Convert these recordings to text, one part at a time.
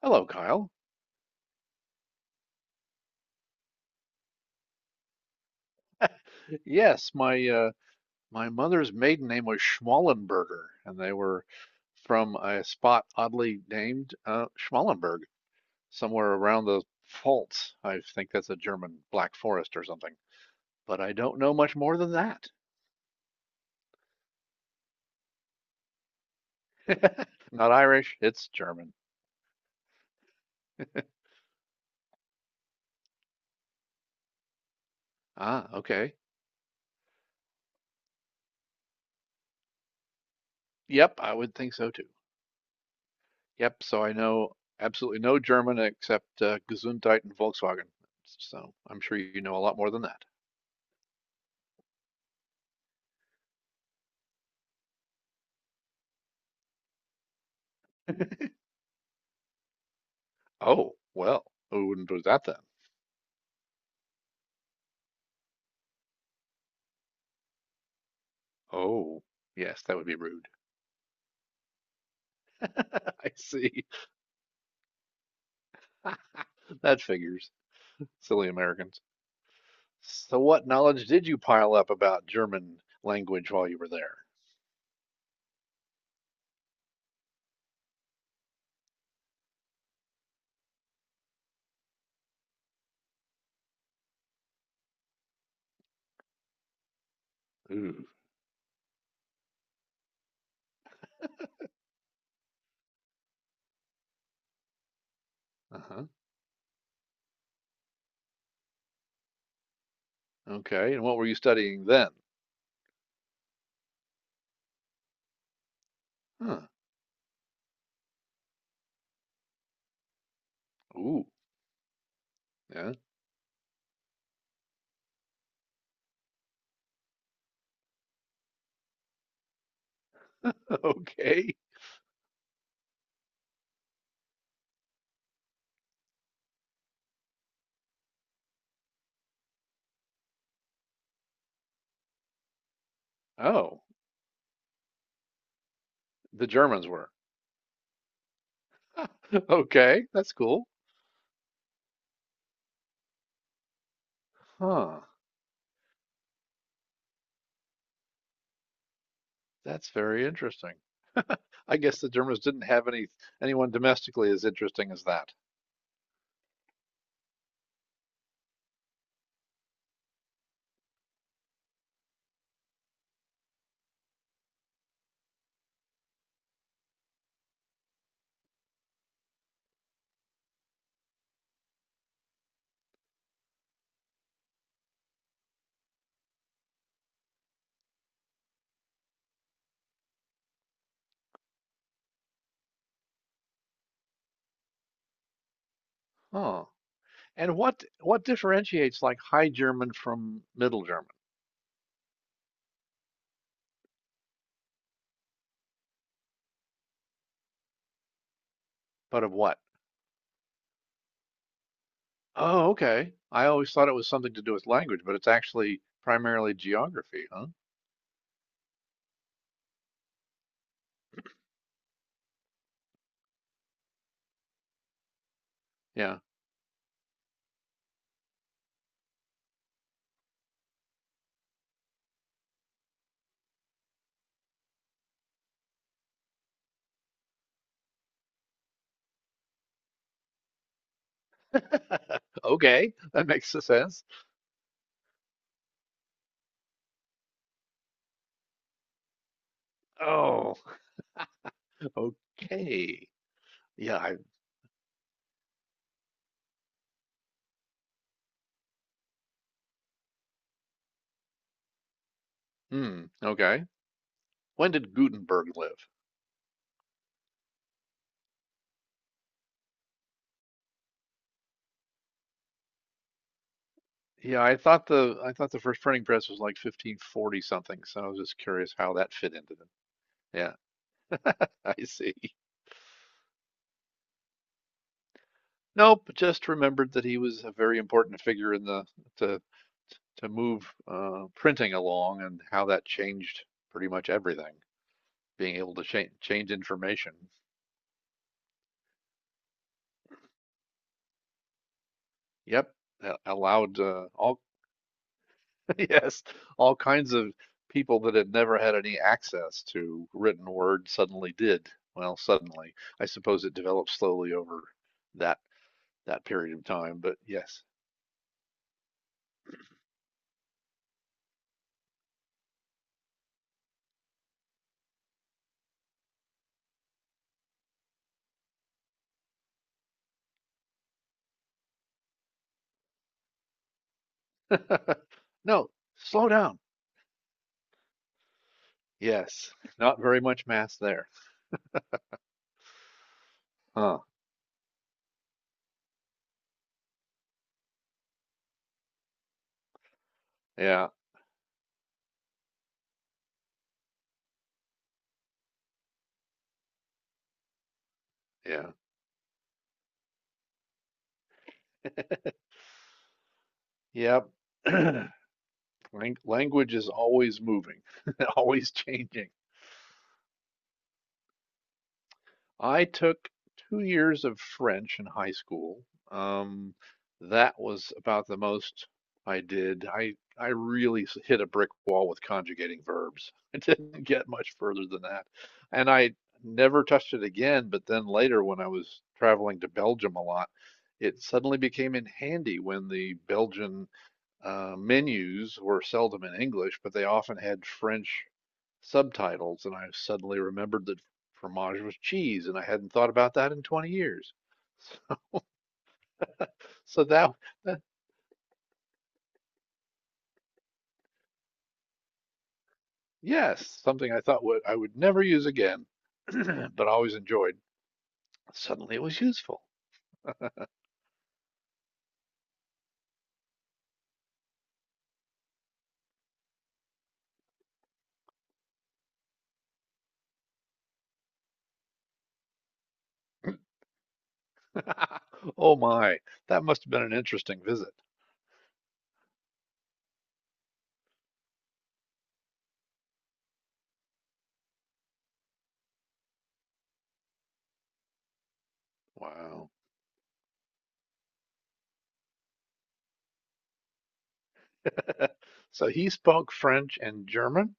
Hello, Kyle. Yes, my my mother's maiden name was Schmallenberger, and they were from a spot oddly named Schmallenberg, somewhere around the Pfalz. I think that's a German Black Forest or something. But I don't know much more than that. Not Irish, it's German. Ah, okay. Yep, I would think so too. Yep, so I know absolutely no German except Gesundheit and Volkswagen. So I'm sure you know a lot more than that. Oh, well, who wouldn't do that then? Oh, yes, that would be rude. I see. That figures. Silly Americans. So, what knowledge did you pile up about German language while you were there? Ooh. Uh-huh. Okay. And what were you studying then? Huh. Ooh. Yeah. Okay. Oh, the Germans were. Okay, that's cool. Huh. That's very interesting. I guess the Germans didn't have anyone domestically as interesting as that. Huh. And what differentiates like High German from Middle German? But of what? Oh, okay. I always thought it was something to do with language, but it's actually primarily geography, huh? Yeah. Okay, that makes sense. Oh, okay. Yeah, I, hmm, okay. When did Gutenberg live? Yeah, I thought the first printing press was like 1540 something, so I was just curious how that fit into them. Yeah, I see. Nope, just remembered that he was a very important figure in the to to move printing along and how that changed pretty much everything. Being able to change information. Yep, that allowed all yes, all kinds of people that had never had any access to written word suddenly did. Well, suddenly, I suppose it developed slowly over that that period of time, but yes. No, slow down. Yes, not very much mass there. Huh. Yeah, yeah, yep. Lang- Language is always moving, always changing. I took 2 years of French in high school. Um, that was about the most I did. I really hit a brick wall with conjugating verbs. I didn't get much further than that, and I never touched it again. But then later, when I was traveling to Belgium a lot, it suddenly became in handy when the Belgian menus were seldom in English, but they often had French subtitles. And I suddenly remembered that fromage was cheese, and I hadn't thought about that in 20 years. So that, yes, something I thought would I would never use again, but always enjoyed. Suddenly it was useful. Oh my, that must have been an interesting visit. Wow. So he spoke French and German?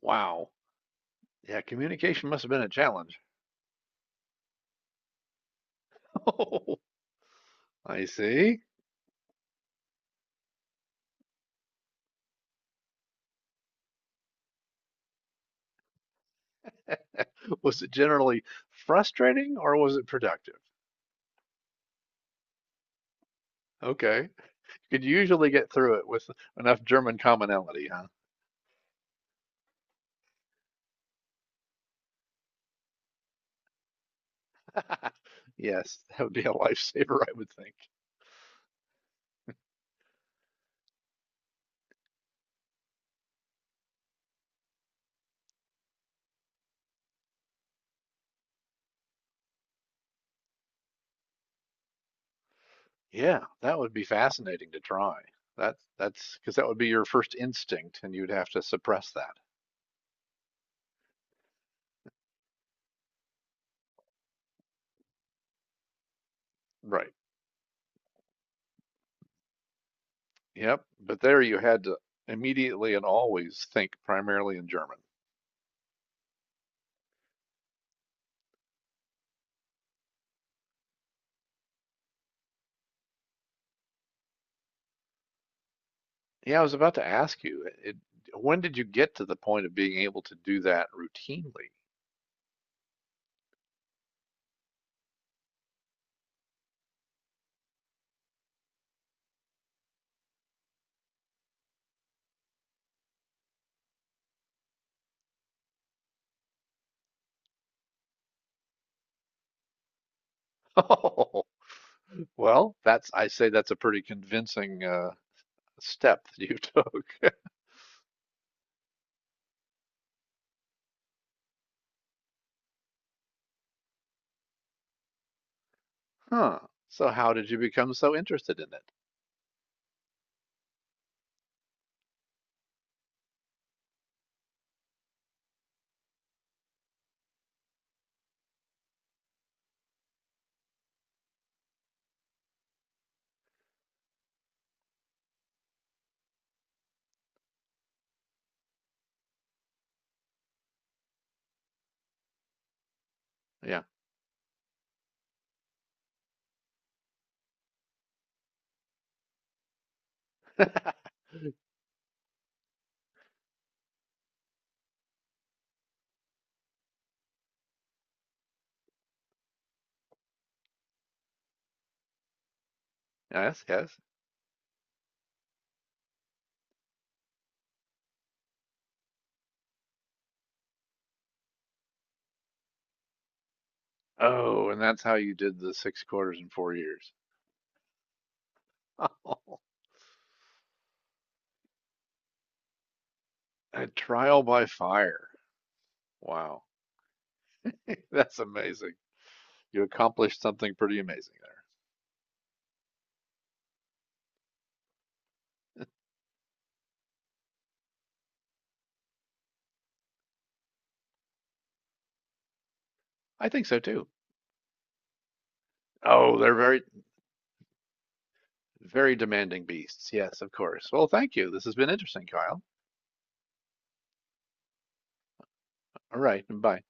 Wow. Yeah, communication must have been a challenge. I see. Was it generally frustrating or was it productive? Okay. You could usually get through it with enough German commonality, huh? Yes, that would be a lifesaver, I would think. Yeah, that would be fascinating to try. That's because that would be your first instinct and you'd have to suppress that. Right. Yep. But there you had to immediately and always think primarily in German. Yeah, I was about to ask you, when did you get to the point of being able to do that routinely? Well, that's I say that's a pretty convincing step that you took. Huh. So how did you become so interested in it? Yeah. Yes, yes. Oh, and that's how you did the six quarters in 4 years. Oh, a trial by fire. Wow. That's amazing. You accomplished something pretty amazing there. I think so too. Oh, they're very, very demanding beasts. Yes, of course. Well, thank you. This has been interesting, Kyle. All right, bye.